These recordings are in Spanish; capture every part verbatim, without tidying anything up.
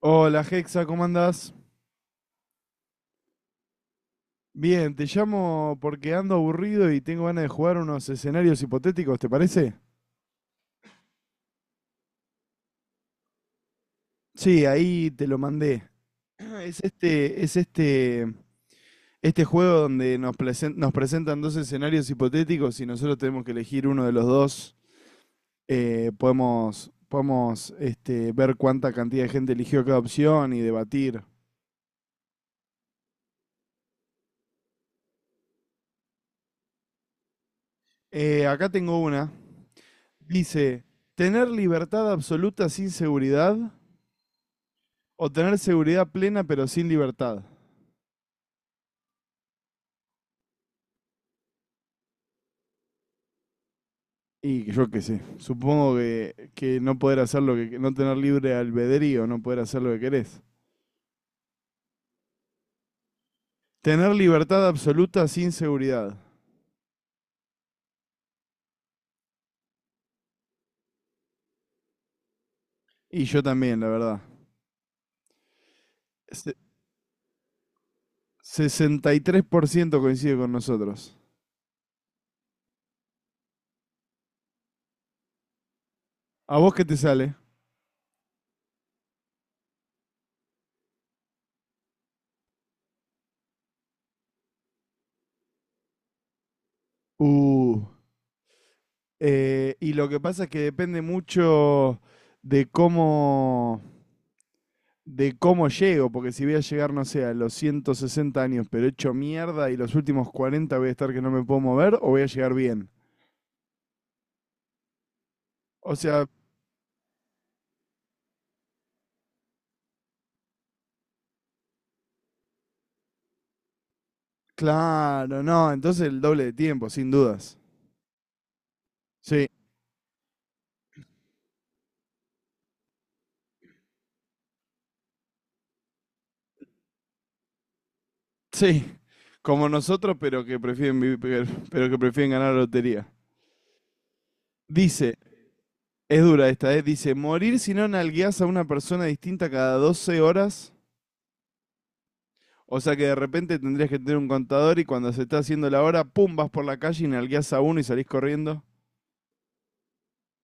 Hola Hexa, ¿cómo andás? Bien, te llamo porque ando aburrido y tengo ganas de jugar unos escenarios hipotéticos, ¿te parece? Sí, ahí te lo mandé. Es este, es este, este juego donde nos, presen- nos presentan dos escenarios hipotéticos y nosotros tenemos que elegir uno de los dos. Eh, podemos, podemos este, ver cuánta cantidad de gente eligió cada opción y debatir. Eh, acá tengo una. Dice, ¿tener libertad absoluta sin seguridad? O tener seguridad plena pero sin libertad. Y yo qué sé, supongo que, que no poder hacer lo que, no tener libre albedrío, no poder hacer lo que querés. Tener libertad absoluta sin seguridad. Y yo también, la verdad. Se- Sesenta y tres por ciento coincide con nosotros. ¿A vos qué te sale? Uh, eh, y lo que pasa es que depende mucho de cómo, de cómo llego, porque si voy a llegar, no sé, a los ciento sesenta años, pero hecho mierda y los últimos cuarenta voy a estar que no me puedo mover, o voy a llegar bien. O sea, claro, no, entonces el doble de tiempo, sin dudas. Sí, sí, como nosotros, pero que prefieren vivir, pero- que prefieren ganar la lotería. Dice, es dura esta, ¿eh? Dice, morir si no nalgueas a una persona distinta cada doce horas. O sea que de repente tendrías que tener un contador y cuando se está haciendo la hora, pum, vas por la calle y nalgueas a uno y salís corriendo.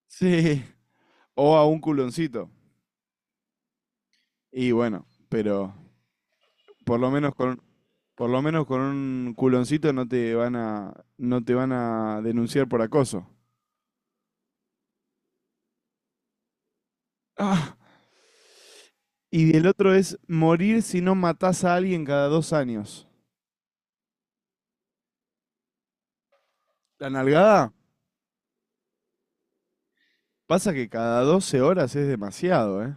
Sí. O a un culoncito. Y bueno, pero por lo menos con, por lo menos con un culoncito no te van a, no te van a denunciar por acoso. Ah, y el otro es morir si no matás a alguien cada dos años. La nalgada pasa que cada doce horas es demasiado, ¿eh?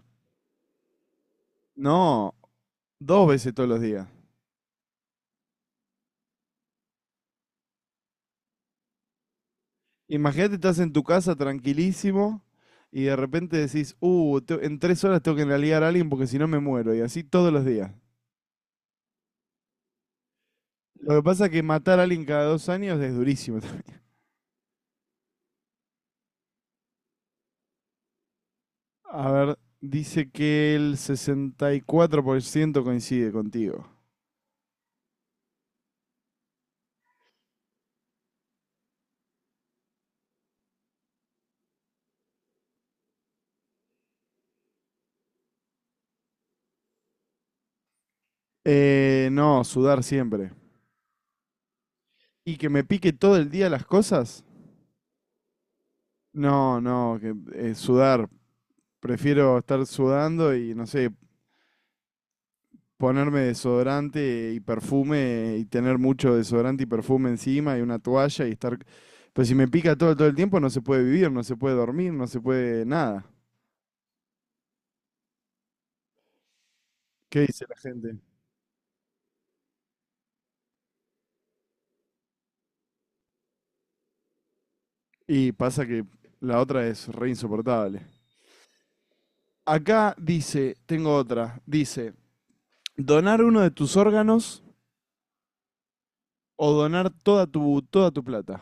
No, dos veces todos los días. Imagínate, estás en tu casa tranquilísimo y de repente decís, uh, te- en tres horas tengo que nalgar a alguien porque si no me muero. Y así todos los días. Lo que pasa es que matar a alguien cada dos años es durísimo también. A ver, dice que el sesenta y cuatro por ciento coincide contigo. Eh, no, sudar siempre. ¿Y que me pique todo el día las cosas? No, no, que eh, sudar. Prefiero estar sudando y, no sé, ponerme desodorante y perfume y tener mucho desodorante y perfume encima y una toalla y estar... Pero si me pica todo, todo el tiempo no se puede vivir, no se puede dormir, no se puede nada. ¿Qué dice la gente? Y pasa que la otra es re insoportable. Acá dice, tengo otra, dice, donar uno de tus órganos o donar toda tu, toda tu plata.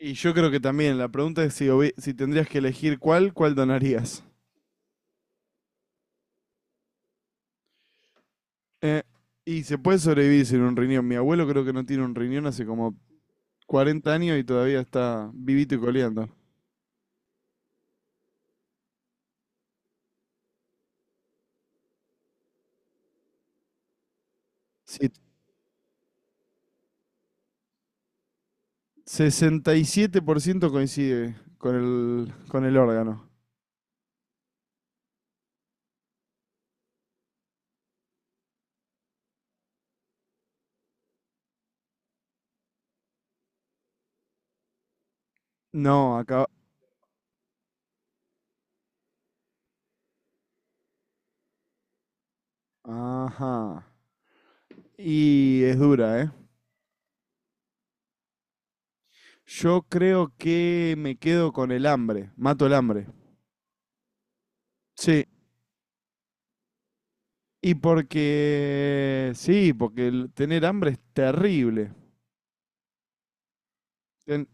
Y yo creo que también, la pregunta es si, si tendrías que elegir cuál, cuál donarías. Eh, y se puede sobrevivir sin un riñón. Mi abuelo creo que no tiene un riñón hace como cuarenta años y todavía está vivito y coleando. Sí, sesenta y siete por ciento coincide con el, con el órgano. No, acá... Ajá. Y es dura, ¿eh? Yo creo que me quedo con el hambre, mato el hambre. Sí, y porque, sí, porque el tener hambre es terrible. Ten-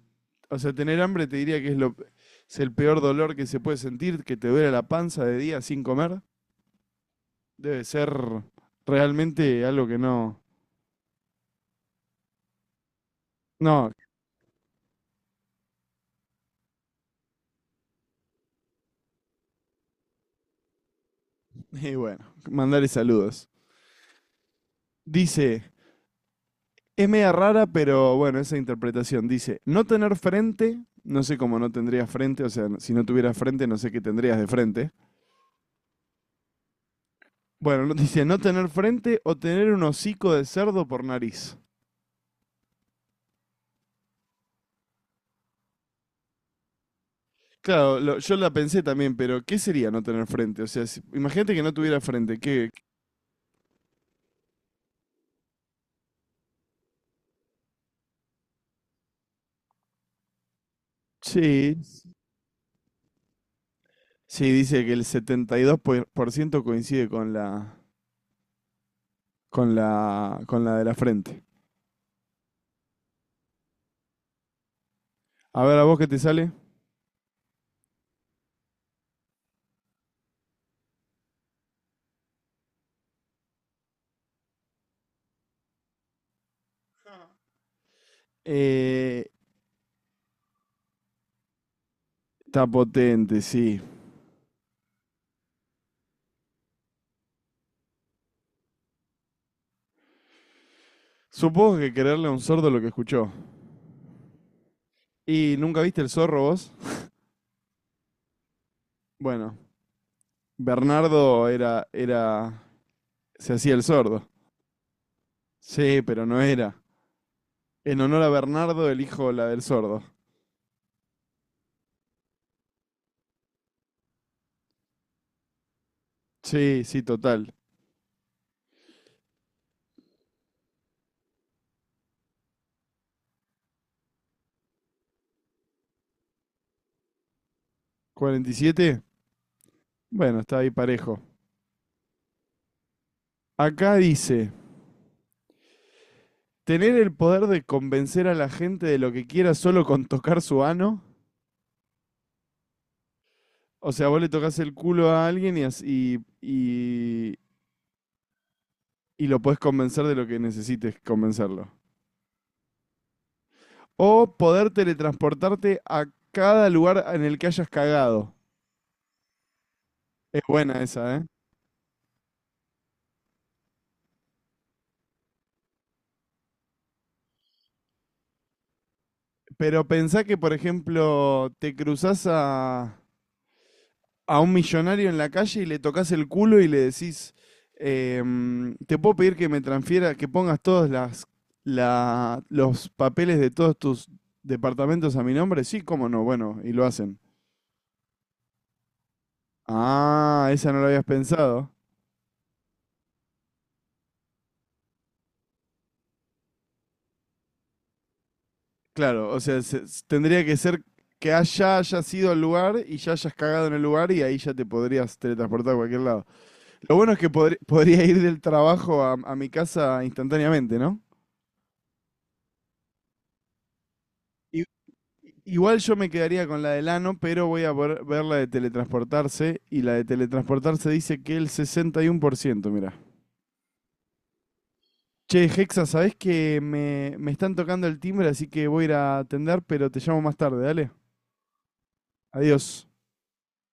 o sea, tener hambre te diría que es, lo, es el peor dolor que se puede sentir, que te duele la panza de día sin comer. Debe ser realmente algo que no... No, y bueno, mandarle saludos. Dice, es media rara, pero bueno, esa interpretación dice, no tener frente, no sé cómo no tendrías frente, o sea, si no tuvieras frente, no sé qué tendrías de frente. Bueno, no- dice, no tener frente o tener un hocico de cerdo por nariz. Claro, lo- yo la pensé también, pero ¿qué sería no tener frente? O sea, si- imagínate que no tuviera frente, ¿qué? Sí. Sí, dice que el setenta y dos por ciento coincide con la, con la, con la de la frente. A ver, ¿a vos qué te sale? Eh, está potente, sí. Supongo que quererle a un sordo lo que escuchó. ¿Y nunca viste el zorro vos? Bueno, Bernardo era, era, se hacía el sordo. Sí, pero no era. En honor a Bernardo, elijo la del sordo. Sí, sí, total. ¿cuarenta y siete? Bueno, está ahí parejo. Acá dice, ¿tener el poder de convencer a la gente de lo que quiera solo con tocar su ano? O sea, vos le tocas el culo a alguien y, y, y, y lo podés convencer de lo que necesites convencerlo. O poder teletransportarte a cada lugar en el que hayas cagado. Es buena esa, ¿eh? Pero pensá que, por ejemplo, te cruzás a, a un millonario en la calle y le tocas el culo y le decís, em, te puedo pedir que me transfiera, que pongas todos las, la- los papeles de todos tus departamentos a mi nombre. Sí, cómo no, bueno, y lo hacen. Ah, esa no la habías pensado. Claro, o sea, se- s- tendría que ser que haya, hayas ido al lugar y ya hayas cagado en el lugar y ahí ya te podrías teletransportar a cualquier lado. Lo bueno es que podri- podría ir del trabajo a, a mi casa instantáneamente, ¿no? I- Igual yo me quedaría con la del ano, pero voy a ver, ver la de teletransportarse y la de teletransportarse dice que el sesenta y uno por ciento, mira. Che, Hexa, ¿sabés que me, me están tocando el timbre, así que voy a ir a atender, pero te llamo más tarde, dale. Adiós.